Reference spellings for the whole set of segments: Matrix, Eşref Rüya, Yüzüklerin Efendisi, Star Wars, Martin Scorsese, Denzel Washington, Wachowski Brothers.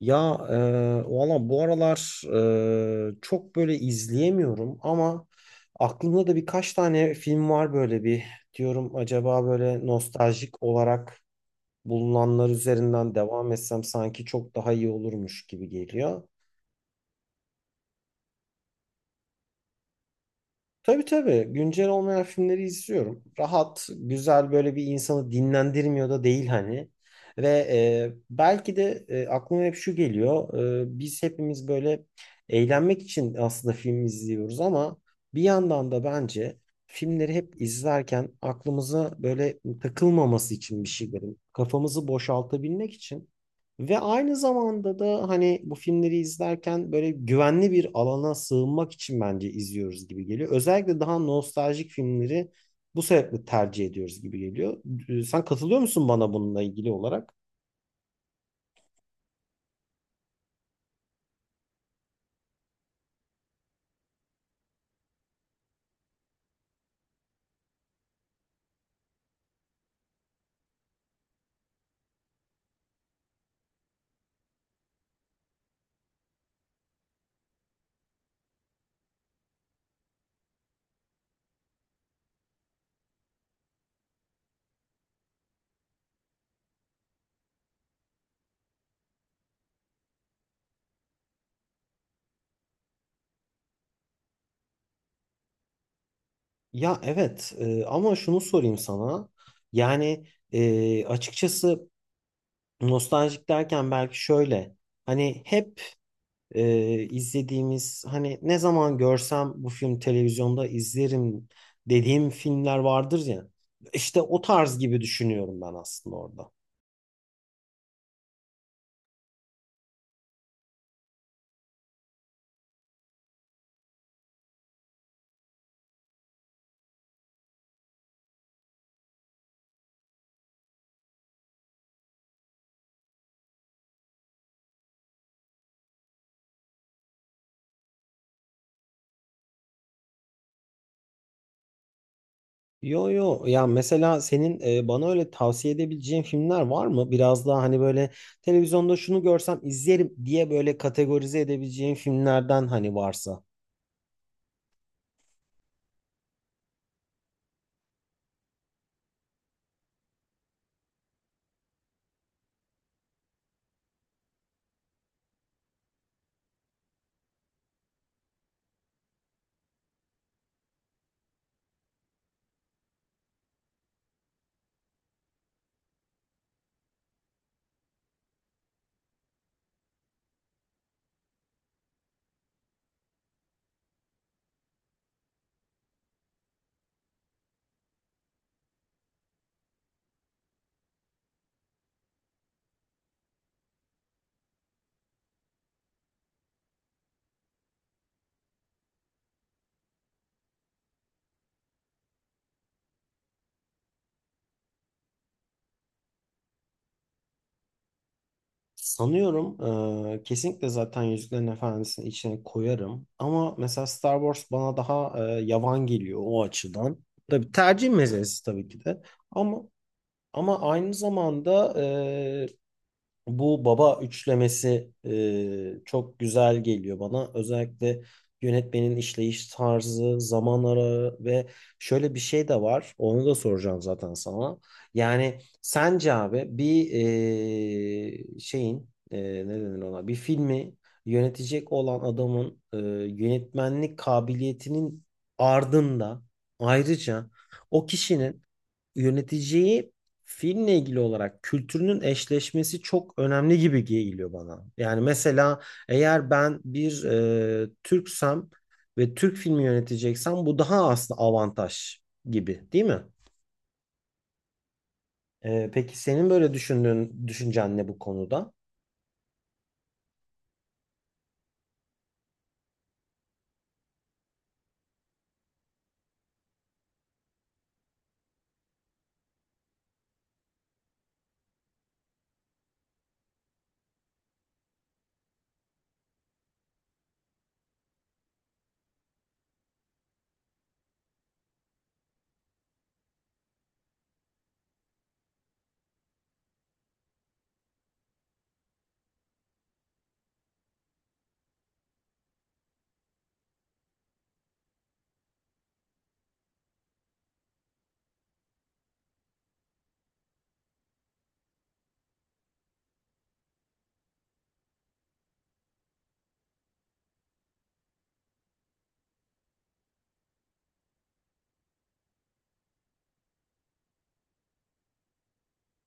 Ya valla bu aralar çok böyle izleyemiyorum ama aklımda da birkaç tane film var böyle bir diyorum acaba böyle nostaljik olarak bulunanlar üzerinden devam etsem sanki çok daha iyi olurmuş gibi geliyor. Tabii tabii. Güncel olmayan filmleri izliyorum. Rahat, güzel böyle bir insanı dinlendirmiyor da değil hani. Ve belki de aklıma hep şu geliyor. Biz hepimiz böyle eğlenmek için aslında film izliyoruz ama bir yandan da bence filmleri hep izlerken aklımıza böyle takılmaması için bir şey verin. Kafamızı boşaltabilmek için ve aynı zamanda da hani bu filmleri izlerken böyle güvenli bir alana sığınmak için bence izliyoruz gibi geliyor. Özellikle daha nostaljik filmleri bu sebeple tercih ediyoruz gibi geliyor. Sen katılıyor musun bana bununla ilgili olarak? Ya evet, ama şunu sorayım sana. Yani açıkçası nostaljik derken belki şöyle. Hani hep izlediğimiz hani ne zaman görsem bu film televizyonda izlerim dediğim filmler vardır ya. İşte o tarz gibi düşünüyorum ben aslında orada. Yo yo ya, mesela senin bana öyle tavsiye edebileceğin filmler var mı? Biraz daha hani böyle televizyonda şunu görsem izlerim diye böyle kategorize edebileceğin filmlerden hani varsa. Sanıyorum kesinlikle zaten Yüzüklerin Efendisi'nin içine koyarım. Ama mesela Star Wars bana daha yavan geliyor o açıdan. Tabii tercih meselesi tabii ki de. Ama ama aynı zamanda bu baba üçlemesi çok güzel geliyor bana. Özellikle yönetmenin işleyiş tarzı, zaman arağı ve şöyle bir şey de var. Onu da soracağım zaten sana. Yani sence abi bir şeyin, ne denir ona? Bir filmi yönetecek olan adamın yönetmenlik kabiliyetinin ardında ayrıca o kişinin yöneteceği filmle ilgili olarak kültürünün eşleşmesi çok önemli gibi geliyor bana. Yani mesela eğer ben bir Türksem ve Türk filmi yöneteceksem bu daha aslında avantaj gibi, değil mi? Peki senin böyle düşündüğün düşüncen ne bu konuda?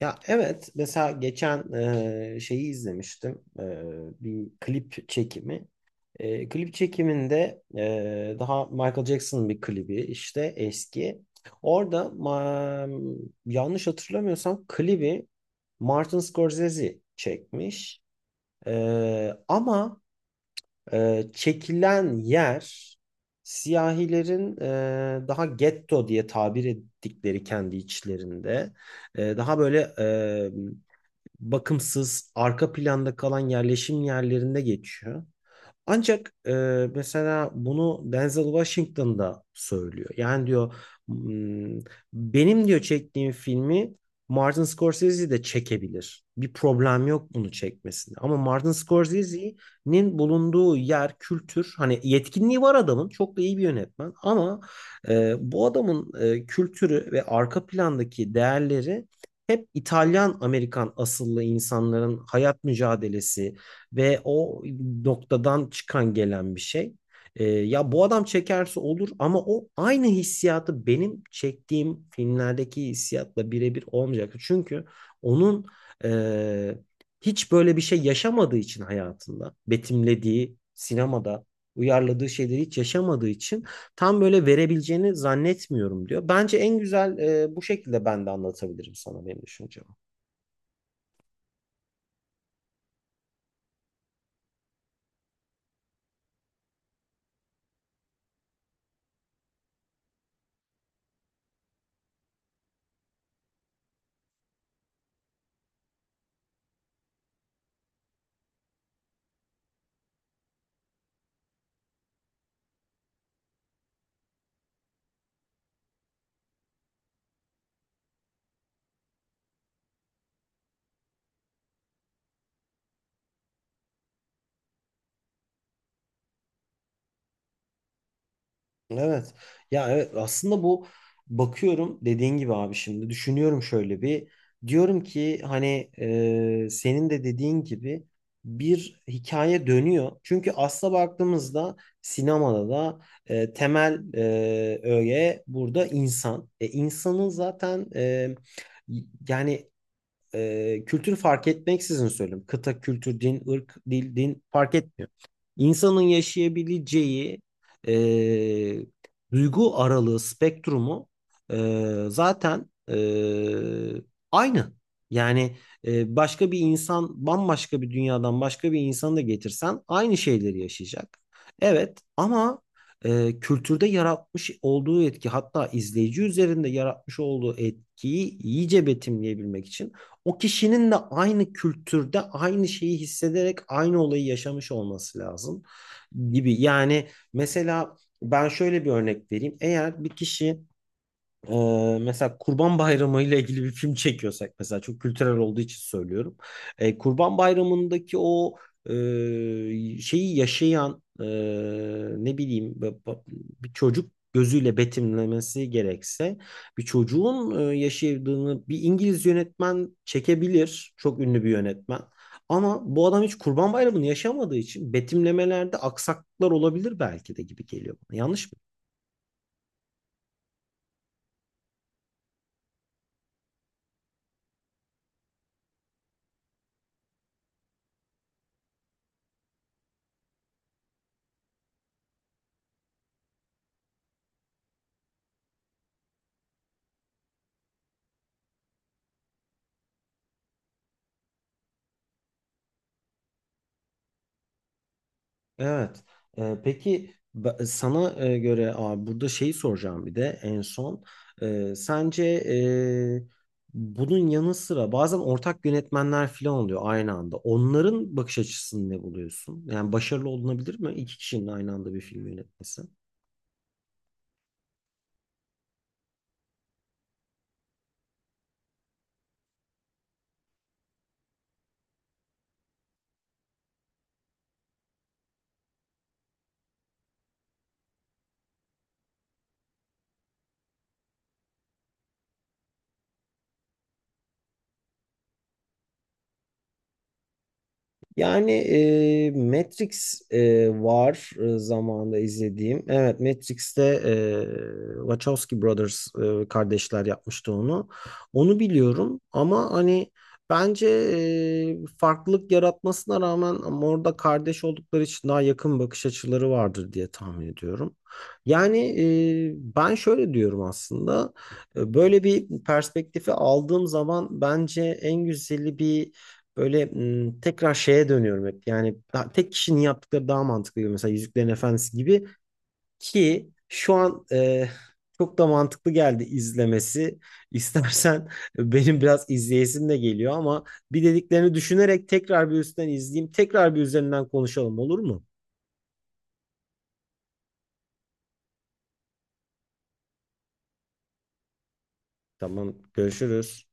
Ya evet, mesela geçen şeyi izlemiştim. Bir klip çekimi. Klip çekiminde daha Michael Jackson'ın bir klibi işte eski. Orada yanlış hatırlamıyorsam klibi Martin Scorsese çekmiş. E, Ama çekilen yer siyahilerin daha getto diye tabir ettikleri kendi içlerinde. Daha böyle bakımsız, arka planda kalan yerleşim yerlerinde geçiyor. Ancak mesela bunu Denzel Washington da söylüyor. Yani diyor, "Hmm, benim diyor çektiğim filmi Martin Scorsese de çekebilir. Bir problem yok bunu çekmesinde. Ama Martin Scorsese'nin bulunduğu yer, kültür hani yetkinliği var adamın. Çok da iyi bir yönetmen ama bu adamın kültürü ve arka plandaki değerleri hep İtalyan Amerikan asıllı insanların hayat mücadelesi, ve o noktadan çıkan gelen bir şey. Ya bu adam çekerse olur ama o aynı hissiyatı benim çektiğim filmlerdeki hissiyatla birebir olmayacak. Çünkü onun e, hiç böyle bir şey yaşamadığı için hayatında, betimlediği sinemada uyarladığı şeyleri hiç yaşamadığı için tam böyle verebileceğini zannetmiyorum diyor. Bence en güzel bu şekilde ben de anlatabilirim sana benim düşüncem. Evet. Ya evet, aslında bu bakıyorum dediğin gibi abi, şimdi düşünüyorum şöyle bir diyorum ki hani senin de dediğin gibi bir hikaye dönüyor. Çünkü asla baktığımızda sinemada da temel öğe burada insan. İnsanın zaten yani kültür fark etmeksizin söylüyorum. Kıta, kültür, din, ırk, dil, din fark etmiyor. İnsanın yaşayabileceği e, duygu aralığı, spektrumu zaten aynı. Yani başka bir insan, bambaşka bir dünyadan başka bir insanı da getirsen aynı şeyleri yaşayacak. Evet ama kültürde yaratmış olduğu etki hatta izleyici üzerinde yaratmış olduğu etkiyi iyice betimleyebilmek için o kişinin de aynı kültürde aynı şeyi hissederek aynı olayı yaşamış olması lazım gibi. Yani mesela ben şöyle bir örnek vereyim. Eğer bir kişi mesela Kurban Bayramı ile ilgili bir film çekiyorsak mesela çok kültürel olduğu için söylüyorum. Kurban Bayramı'ndaki o şeyi yaşayan, ne bileyim bir çocuk gözüyle betimlemesi gerekse bir çocuğun yaşadığını bir İngiliz yönetmen çekebilir. Çok ünlü bir yönetmen. Ama bu adam hiç Kurban Bayramı'nı yaşamadığı için betimlemelerde aksaklıklar olabilir belki de gibi geliyor bana. Yanlış mı? Evet. Peki sana göre abi burada şeyi soracağım bir de en son. Sence bunun yanı sıra bazen ortak yönetmenler falan oluyor aynı anda. Onların bakış açısını ne buluyorsun? Yani başarılı olunabilir mi iki kişinin aynı anda bir film yönetmesi? Yani Matrix var zamanında izlediğim. Evet, Matrix'te Wachowski Brothers kardeşler yapmıştı onu. Onu biliyorum ama hani bence farklılık yaratmasına rağmen ama orada kardeş oldukları için daha yakın bakış açıları vardır diye tahmin ediyorum. Yani ben şöyle diyorum aslında. Böyle bir perspektifi aldığım zaman bence en güzeli bir böyle, tekrar şeye dönüyorum hep. Yani tek kişinin yaptıkları daha mantıklı gibi. Mesela Yüzüklerin Efendisi gibi ki şu an çok da mantıklı geldi izlemesi. İstersen benim biraz izleyesim de geliyor ama bir dediklerini düşünerek tekrar bir üstten izleyeyim. Tekrar bir üzerinden konuşalım, olur mu? Tamam, görüşürüz.